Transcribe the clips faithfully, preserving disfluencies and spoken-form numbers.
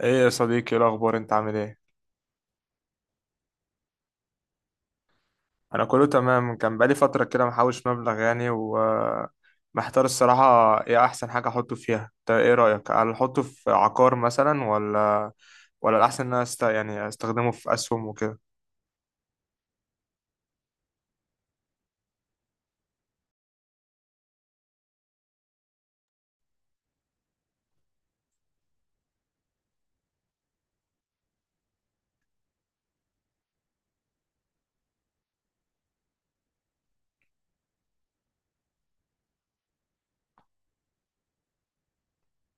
ايه يا صديقي، إيه الاخبار؟ انت عامل ايه؟ انا كله تمام. كان بقالي فتره كده محوش مبلغ يعني، ومحتار الصراحه. ايه احسن حاجه احطه فيها؟ انت ايه رايك؟ هل احطه في عقار مثلا ولا ولا الاحسن ان انا است... يعني استخدمه في اسهم وكده؟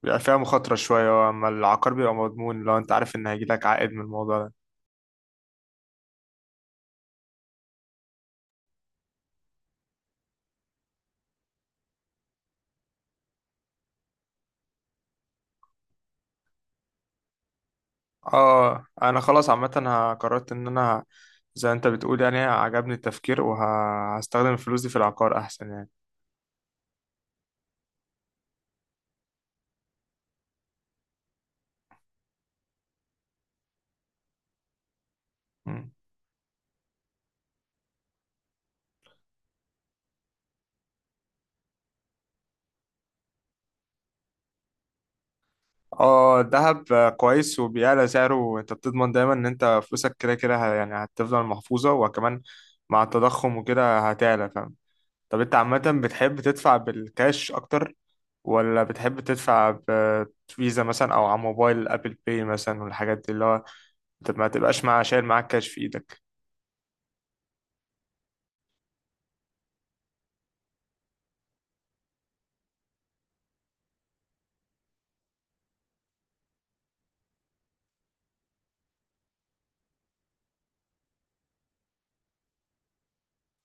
بيبقى فيها مخاطره شويه، اما العقار بيبقى مضمون لو انت عارف ان هيجيلك عائد من الموضوع ده. اه انا خلاص عامه ه- قررت ان انا زي انت بتقول، يعني عجبني التفكير وهستخدم الفلوس دي في العقار احسن يعني. مم. اه الذهب آه، كويس وبيعلى سعره، انت بتضمن دايما ان انت فلوسك كده كده ه- يعني هتفضل محفوظة، وكمان مع التضخم وكده هتعلى فاهم. طب انت عامة بتحب تدفع بالكاش اكتر، ولا بتحب تدفع بفيزا مثلا او على موبايل ابل باي مثلا والحاجات دي، اللي هو انت ما تبقاش مع شايل معاك كاش في ايدك؟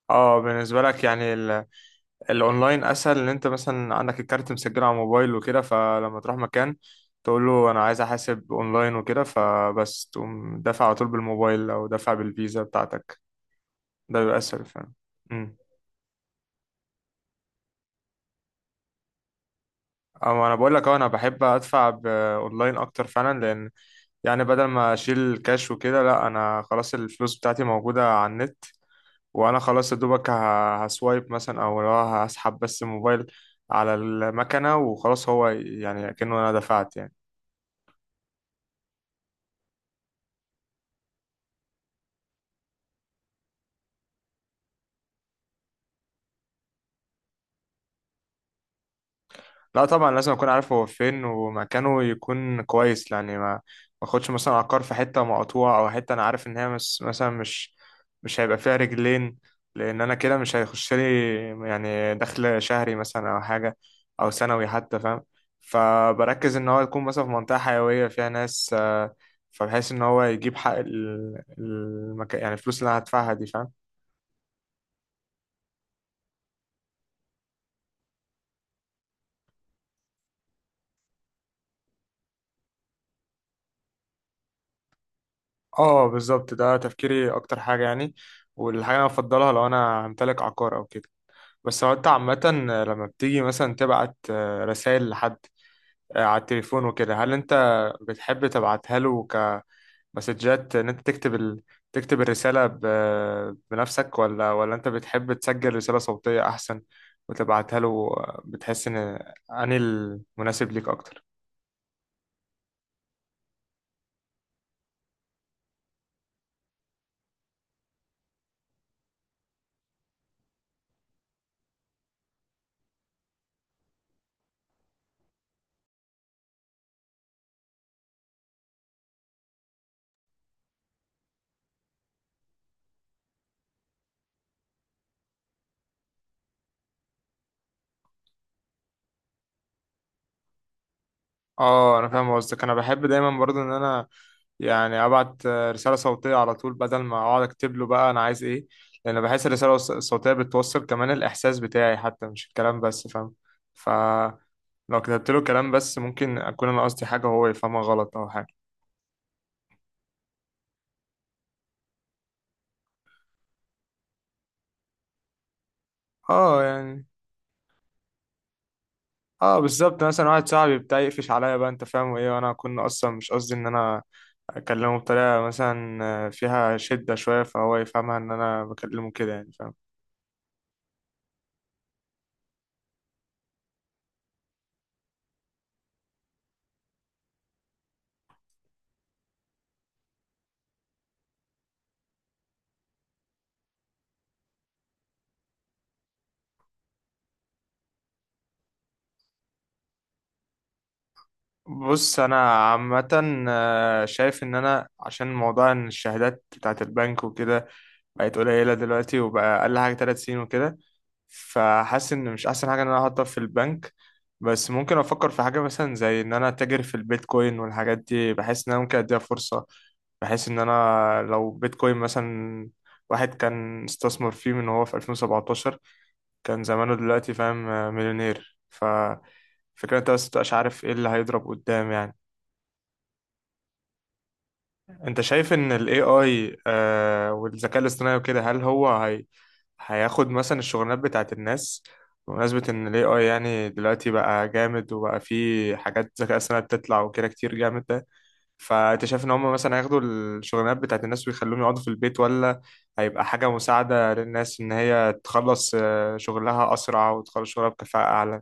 اه بالنسبة لك يعني الاونلاين اسهل، ان انت مثلا عندك الكارت مسجل على الموبايل وكده، فلما تروح مكان تقول له انا عايز احاسب اونلاين وكده فبس تقوم دافع على طول بالموبايل او دافع بالفيزا بتاعتك. ده بيبقى اسهل فعلا. امم اما انا بقول لك اهو، انا بحب ادفع باونلاين اكتر فعلا، لان يعني بدل ما اشيل كاش وكده، لا انا خلاص الفلوس بتاعتي موجودة على النت، وانا خلاص يا دوبك ه- هسوايب مثلا، او لو هسحب بس الموبايل على المكنة وخلاص، هو يعني كأنه انا دفعت يعني. لا طبعا لازم اكون عارف هو فين، ومكانه يكون كويس يعني. ما ما اخدش مثلا عقار في حته مقطوعه، او حته انا عارف ان هي مس مثلا مش مش هيبقى فيها رجلين، لان انا كده مش هيخش لي يعني دخل شهري مثلا او حاجه، او سنوي حتى فاهم. فبركز ان هو يكون مثلا في منطقه حيويه فيها ناس، آه، فبحيث ان هو يجيب حق ال- المكان، يعني الفلوس اللي انا هدفعها دي فاهم. اه بالظبط ده تفكيري اكتر حاجه يعني، والحاجه اللي انا بفضلها لو انا همتلك عقار او كده. بس هو انت عامة لما بتيجي مثلا تبعت رسائل لحد آه، على التليفون وكده، هل انت بتحب تبعتها له كمسجات ان انت تكتب ال... تكتب الرسالة ب... بنفسك، ولا ولا انت بتحب تسجل رسالة صوتية احسن وتبعتها له؟ آه، بتحس ان انهي المناسب ليك اكتر؟ اه انا فاهم قصدك. انا بحب دايما برضو ان انا يعني ابعت آه، رساله صوتيه على طول، بدل ما اقعد اكتب له بقى انا عايز ايه، لان بحس الرساله الص- الصوتيه بتوصل كمان الاحساس بتاعي، حتى مش الكلام بس فاهم. ف لو كتبت له كلام بس، ممكن اكون انا قصدي حاجه وهو يفهمها غلط او حاجه. اه يعني. اه بالظبط، مثلا واحد صاحبي بتاع يقفش عليا بقى انت فاهم وايه، وانا كنا اصلا مش قصدي ان انا اكلمه بطريقه مثلا آه، فيها شده شويه، فهو يفهمها ان انا بكلمه كده يعني فاهم. بص انا عامه آه، شايف ان انا عشان موضوع ان الشهادات بتاعت البنك وكده بقت قليله دلوقتي، وبقى اقل حاجه ثلاث سنين وكده، فحاسس ان مش احسن حاجه ان انا احطها في البنك. بس ممكن افكر في حاجه مثلا زي ان انا اتاجر في البيتكوين والحاجات دي، بحس ان انا ممكن اديها فرصه. بحس ان انا لو بيتكوين مثلا، واحد كان استثمر فيه من هو في ألفين وسبعة عشر كان زمانه دلوقتي فاهم، آه، مليونير. ف فكرة انت بس متبقاش عارف ايه اللي هيضرب قدام يعني. انت شايف ان ال إيه آي آه والذكاء الاصطناعي وكده، هل هو هي هياخد مثلا الشغلانات بتاعت الناس؟ بمناسبة ان ال إيه آي يعني دلوقتي بقى جامد، وبقى فيه حاجات ذكاء اصطناعي بتطلع وكده كتير جامد ده، فانت شايف ان هم مثلا هياخدوا الشغلانات بتاعت الناس ويخلوهم يقعدوا في البيت، ولا هيبقى حاجة مساعدة للناس ان هي تخلص آه، شغلها اسرع وتخلص شغلها بكفاءة اعلى؟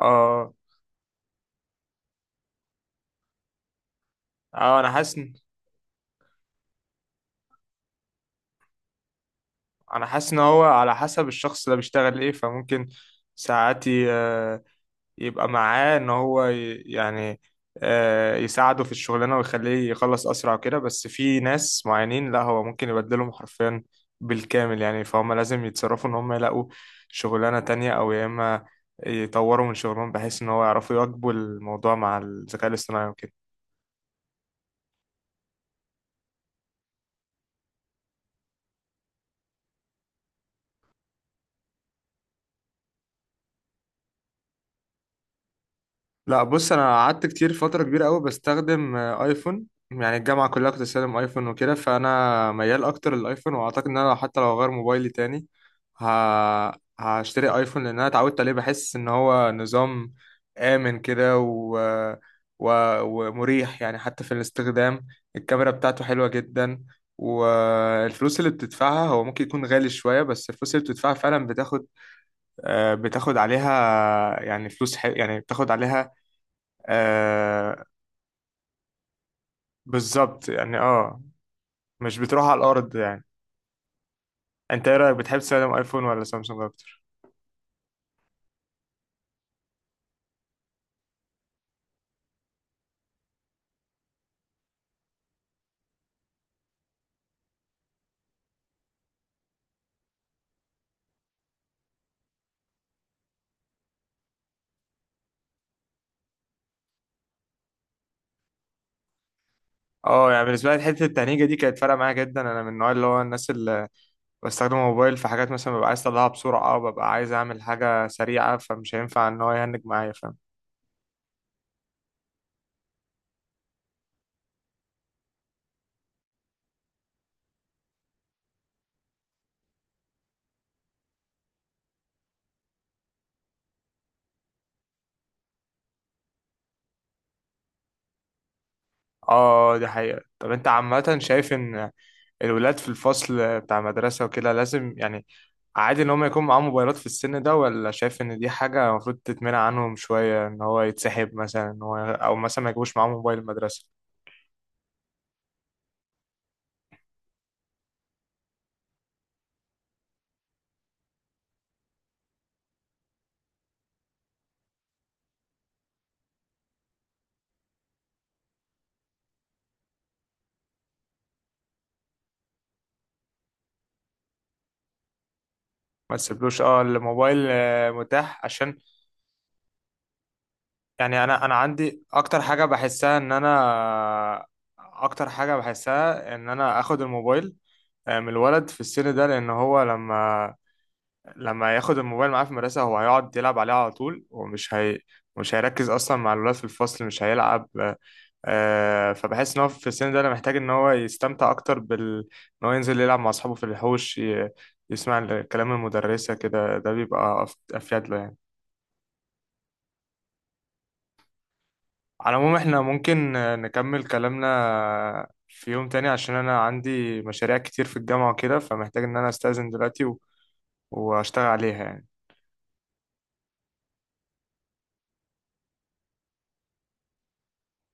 اه. اه انا حاسس. انا حاسس ان هو على حسب الشخص اللي بيشتغل ايه، فممكن ساعات ي- يبقى معاه ان هو ي- يعني آه، يساعده في الشغلانه ويخليه يخلص اسرع وكده، بس في ناس معينين لا هو ممكن يبدلهم حرفيا بالكامل يعني، فهم لازم يتصرفوا ان هم يلاقوا شغلانه تانية، او يا اما يطوروا من شغلهم بحيث ان هو يعرفوا يواكبوا الموضوع مع الذكاء الاصطناعي وكده. لا بص انا قعدت كتير فتره كبيره قوي بستخدم آه، ايفون، يعني الجامعه كلها كنت بستخدم ايفون وكده، فانا ميال اكتر للايفون، واعتقد ان انا لو- حتى لو هغير موبايلي تاني ه... هشتري ايفون، لان انا اتعودت عليه. بحس ان هو نظام امن كده و... و... ومريح يعني حتى في الاستخدام. الكاميرا بتاعته حلوه جدا، والفلوس اللي بتدفعها، هو ممكن يكون غالي شويه بس الفلوس اللي بتدفعها فعلا بتاخد آه، بتاخد عليها يعني فلوس حلو، يعني بتاخد عليها آه. بالظبط يعني اه. مش بتروح على الارض يعني. انت ايه رايك؟ بتحب تستخدم ايفون ولا سامسونج اكتر؟ اه يعني بالنسبه لي حته التهنيجه دي كانت فارقه معايا جدا. انا من النوع اللي هو الناس اللي بستخدم موبايل في حاجات مثلا، ببقى عايز اطلعها بسرعه او ببقى عايز اعمل حاجه سريعه، فمش هينفع ان هو يهنج معايا فاهم. اه دي حقيقه. طب انت عامه شايف ان الولاد في الفصل بتاع المدرسة وكده لازم يعني، عادي إن هم يكون معاهم موبايلات في السن ده، ولا شايف إن دي حاجة المفروض تتمنع عنهم شوية، إن هو يتسحب مثلا إن هو، أو مثلا ما يجيبوش معاهم موبايل المدرسة؟ ما تسيبلوش اه الموبايل آه، متاح عشان يعني. أنا أنا عندي أكتر حاجة بحسها إن أنا، أكتر حاجة بحسها إن أنا آخد الموبايل آه، من الولد في السن ده، لأن هو لما لما ياخد الموبايل معاه في المدرسة هو هيقعد يلعب عليه على طول، ومش هي مش هيركز أصلا مع الولاد في الفصل، مش هيلعب. آه فبحس إن هو في السن ده أنا محتاج إن هو يستمتع أكتر بال إن هو ينزل يلعب مع أصحابه في الحوش ي... يسمع كلام المدرسة كده. ده بيبقى أف- أفيد له يعني. على العموم إحنا ممكن آه، نكمل كلامنا في يوم تاني، عشان أنا عندي مشاريع كتير في الجامعة وكده، فمحتاج إن أنا أستأذن دلوقتي و... وأشتغل عليها يعني.